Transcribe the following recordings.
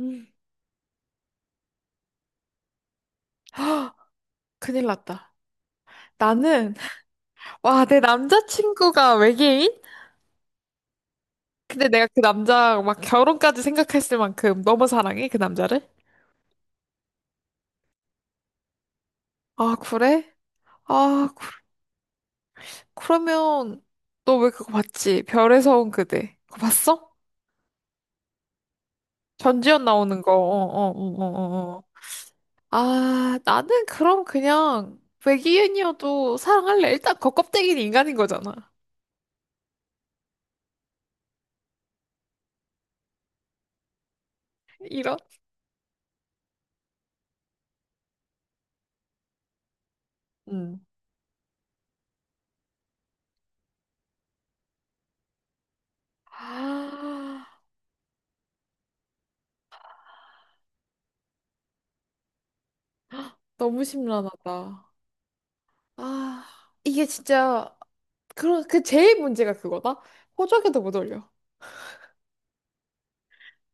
음. 큰일 났다. 나는, 와, 내 남자친구가 외계인? 근데 내가 그 남자 막 결혼까지 생각했을 만큼 너무 사랑해, 그 남자를? 아, 그래? 아, 그, 그러면 너 왜 그거 봤지? 별에서 온 그대. 그거 봤어? 전지현 나오는 거. 어, 어, 어, 어, 어. 어. 아, 나는 그럼 그냥 외계인이어도 사랑할래. 일단 그 껍데기는 인간인 거잖아. 이런? 음. 아, 너무 심란하다. 아, 이게 진짜, 그 제일 문제가 그거다? 호적에도 못 올려.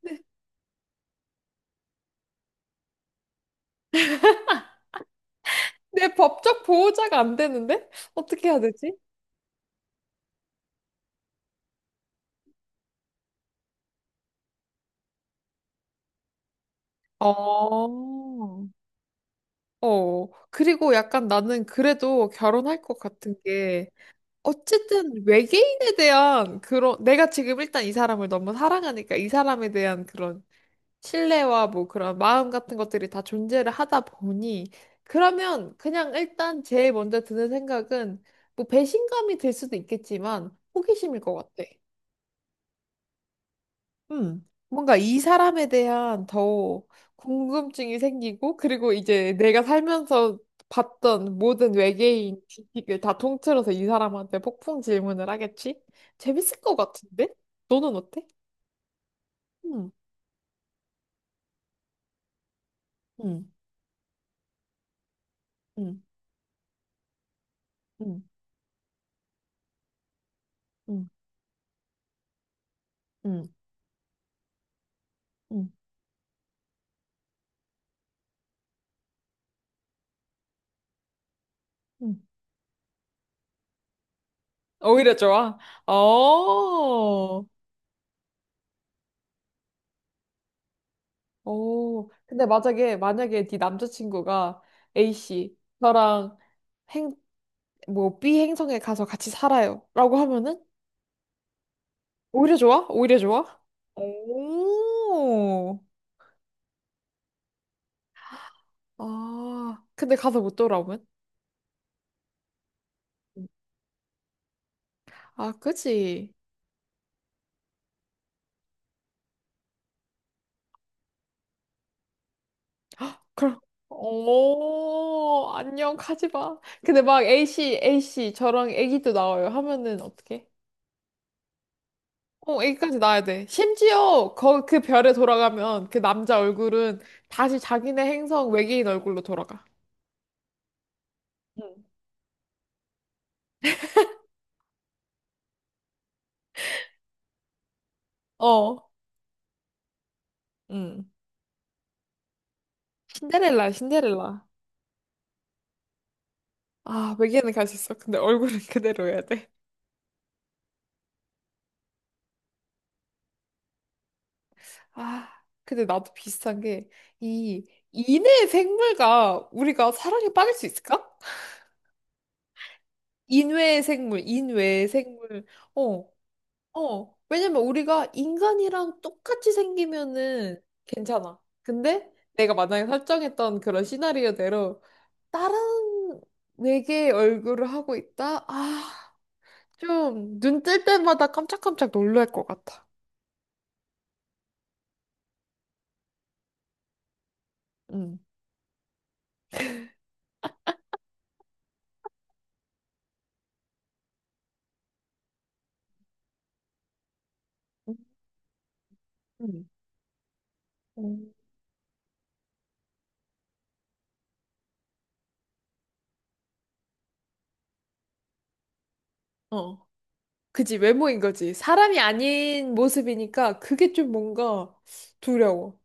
내, 내 법적 보호자가 안 되는데? 어떻게 해야 되지? 어. 어, 그리고 약간 나는 그래도 결혼할 것 같은 게, 어쨌든 외계인에 대한 그런, 내가 지금 일단 이 사람을 너무 사랑하니까 이 사람에 대한 그런 신뢰와 뭐 그런 마음 같은 것들이 다 존재를 하다 보니 그러면 그냥 일단 제일 먼저 드는 생각은 뭐 배신감이 들 수도 있겠지만 호기심일 것 같아. 음. 뭔가 이 사람에 대한 더 궁금증이 생기고 그리고 이제 내가 살면서 봤던 모든 외계인 지식을 다 통틀어서 이 사람한테 폭풍 질문을 하겠지? 재밌을 것 같은데? 너는 어때? 음, 음, 음, 음, 음, 음, 음, 음. 오히려 좋아? 어, 오. 근데 만약에, 만약에 네 남자친구가 A씨, 저랑 행, 뭐 B 행성에 가서 같이 살아요. 라고 하면은? 오히려 좋아? 오히려 좋아? 오, 아, 근데 가서 못 돌아오면? 아, 그치. 그럼, 오, 안녕, 가지 마. 근데 막 A씨, A씨, 저랑 애기도 나와요. 하면은 어떡해? 어, 애기까지 낳아야 돼. 심지어 그 별에 돌아가면 그 남자 얼굴은 다시 자기네 행성 외계인 얼굴로 돌아가. 응. 어. 응. 신데렐라야, 신데렐라. 아, 외계인은 갈 수 있어. 근데 얼굴은 그대로여야 돼. 아, 근데 나도 비슷한 게, 이, 인외 생물과 우리가 사랑에 빠질 수 있을까? 인외 생물, 인외 생물. 어, 어, 왜냐면 우리가 인간이랑 똑같이 생기면은 괜찮아. 근데 내가 만약에 설정했던 그런 시나리오대로 다른 외계의 얼굴을 하고 있다? 아, 좀 눈 뜰 때마다 깜짝깜짝 놀랄 것 같아. 응. 응 응 응 어. 그지, 외모인 거지. 사람이 아닌 모습이니까 그게 좀 뭔가 두려워.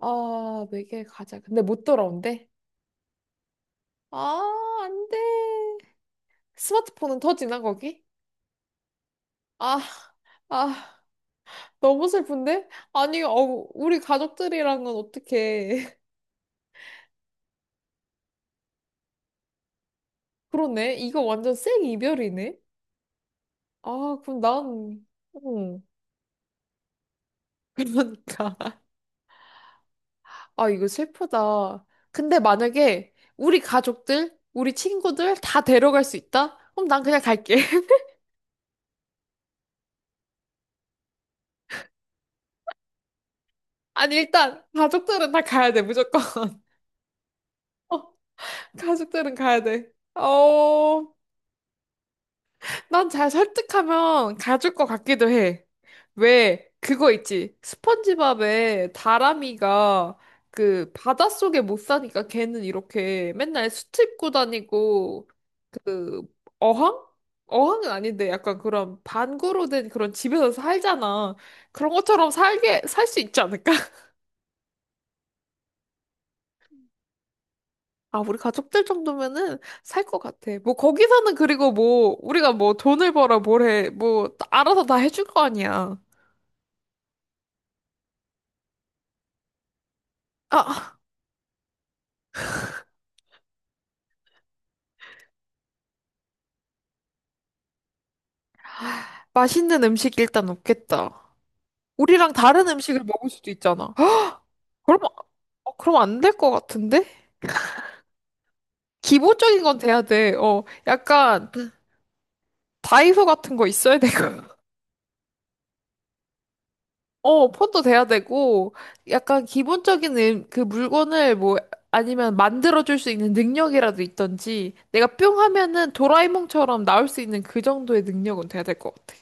아, 외계 가자. 근데 못 돌아온대? 아, 안 돼. 스마트폰은 터지나, 거기? 아, 아, 너무 슬픈데? 아니, 어, 우리 가족들이랑은 어떻게. 그러네. 이거 완전 생 이별이네? 아, 그럼 난, 어, 그러니까. 아, 이거 슬프다. 근데 만약에 우리 가족들, 우리 친구들 다 데려갈 수 있다? 그럼 난 그냥 갈게. 아니, 일단, 가족들은 다 가야 돼, 무조건. 어, 가족들은 가야 돼. 어, 난 잘 설득하면 가줄 것 같기도 해. 왜? 그거 있지. 스펀지밥에 다람이가 그 바닷속에 못 사니까 걔는 이렇게 맨날 수트 입고 다니고 그 어항? 어항은 아닌데 약간 그런 반구로 된 그런 집에서 살잖아. 그런 것처럼 살게 살 수 있지 않을까? 아, 우리 가족들 정도면은 살 것 같아. 뭐 거기서는 그리고 뭐 우리가 뭐 돈을 벌어 뭘 해. 뭐 알아서 다 해줄 거 아니야. 아, 맛있는 음식 일단 없겠다. 우리랑 다른 음식을 먹을 수도 있잖아. 헉, 그럼, 어, 그럼 안 될 것 같은데? 기본적인 건 돼야 돼. 어, 약간 다이소 같은 거 있어야 되고. 어, 폰도 돼야 되고. 약간 기본적인 그 물건을 뭐, 아니면 만들어줄 수 있는 능력이라도 있던지, 내가 뿅 하면은 도라에몽처럼 나올 수 있는 그 정도의 능력은 돼야 될 것 같아.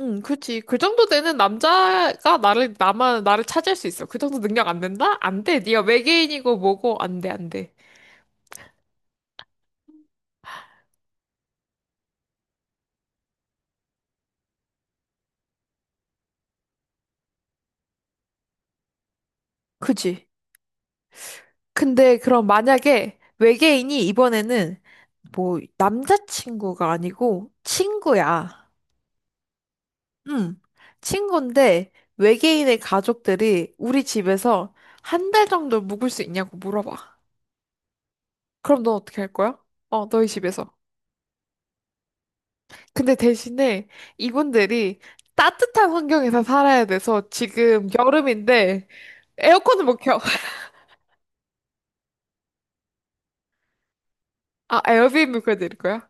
응, 그치. 그 정도 되는 남자가 나를, 나만, 나를 차지할 수 있어. 그 정도 능력 안 된다? 안 돼. 네가 외계인이고 뭐고, 안 돼, 안 돼. 그지? 근데 그럼 만약에 외계인이 이번에는 뭐 남자친구가 아니고 친구야. 응. 친구인데 외계인의 가족들이 우리 집에서 한 달 정도 묵을 수 있냐고 물어봐. 그럼 넌 어떻게 할 거야? 어, 너희 집에서. 근데 대신에 이분들이 따뜻한 환경에서 살아야 돼서 지금 여름인데 에어컨을 못 켜. 아, 에어비앤비 보여드릴 거야?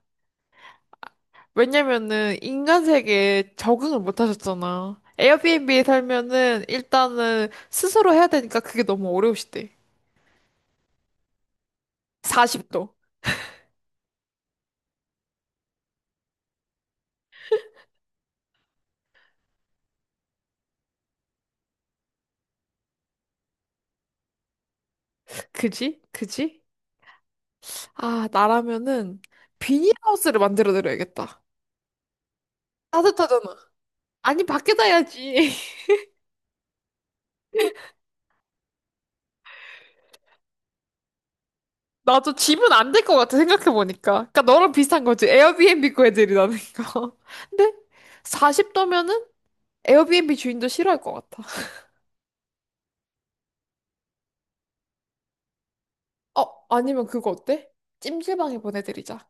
왜냐면은 인간 세계에 적응을 못 하셨잖아. 에어비앤비에 살면은 일단은 스스로 해야 되니까 그게 너무 어려우시대. 40도. 그지? 그지? 아, 나라면은 비닐하우스를 만들어 드려야겠다. 따뜻하잖아. 아니, 밖에다 해야지. 나도 집은 안 될 것 같아, 생각해보니까. 그러니까 너랑 비슷한 거지. 에어비앤비 구해드리라는 거. 근데 40도면은 에어비앤비 주인도 싫어할 것 같아. 어, 아니면 그거 어때? 찜질방에 보내드리자.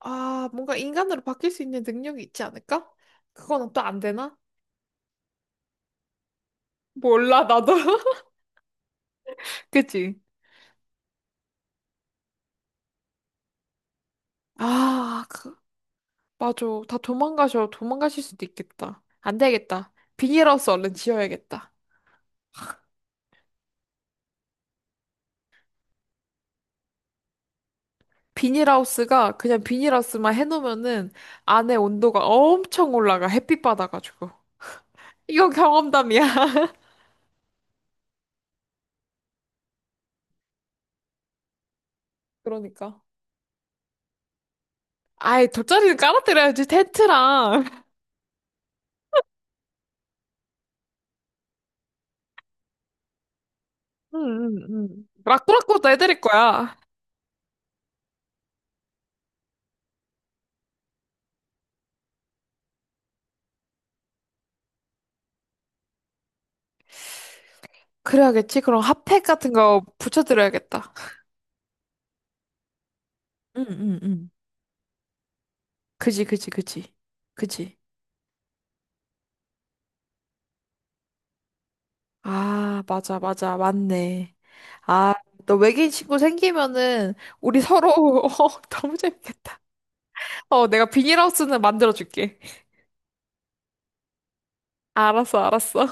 아, 뭔가 인간으로 바뀔 수 있는 능력이 있지 않을까? 그거는 또 안 되나? 몰라, 나도. 그치? 아, 그, 맞아. 다 도망가셔. 도망가실 수도 있겠다. 안 되겠다. 비닐하우스 얼른 지어야겠다. 비닐하우스가 그냥 비닐하우스만 해놓으면은 안에 온도가 엄청 올라가. 햇빛 받아가지고. 이건 경험담이야. 그러니까. 아이, 돗자리는 깔아드려야지, 텐트랑. 응, 응, 응. 라꾸라꾸도 해드릴 거야. 그래야겠지? 그럼 핫팩 같은 거 붙여드려야겠다. 응, 응, 응. 그지, 그지, 그지. 그지. 아, 맞아, 맞아. 맞네. 아, 너 외계인 친구 생기면은 우리 서로, 어, 너무 재밌겠다. 어, 내가 비닐하우스는 만들어줄게. 알았어, 알았어.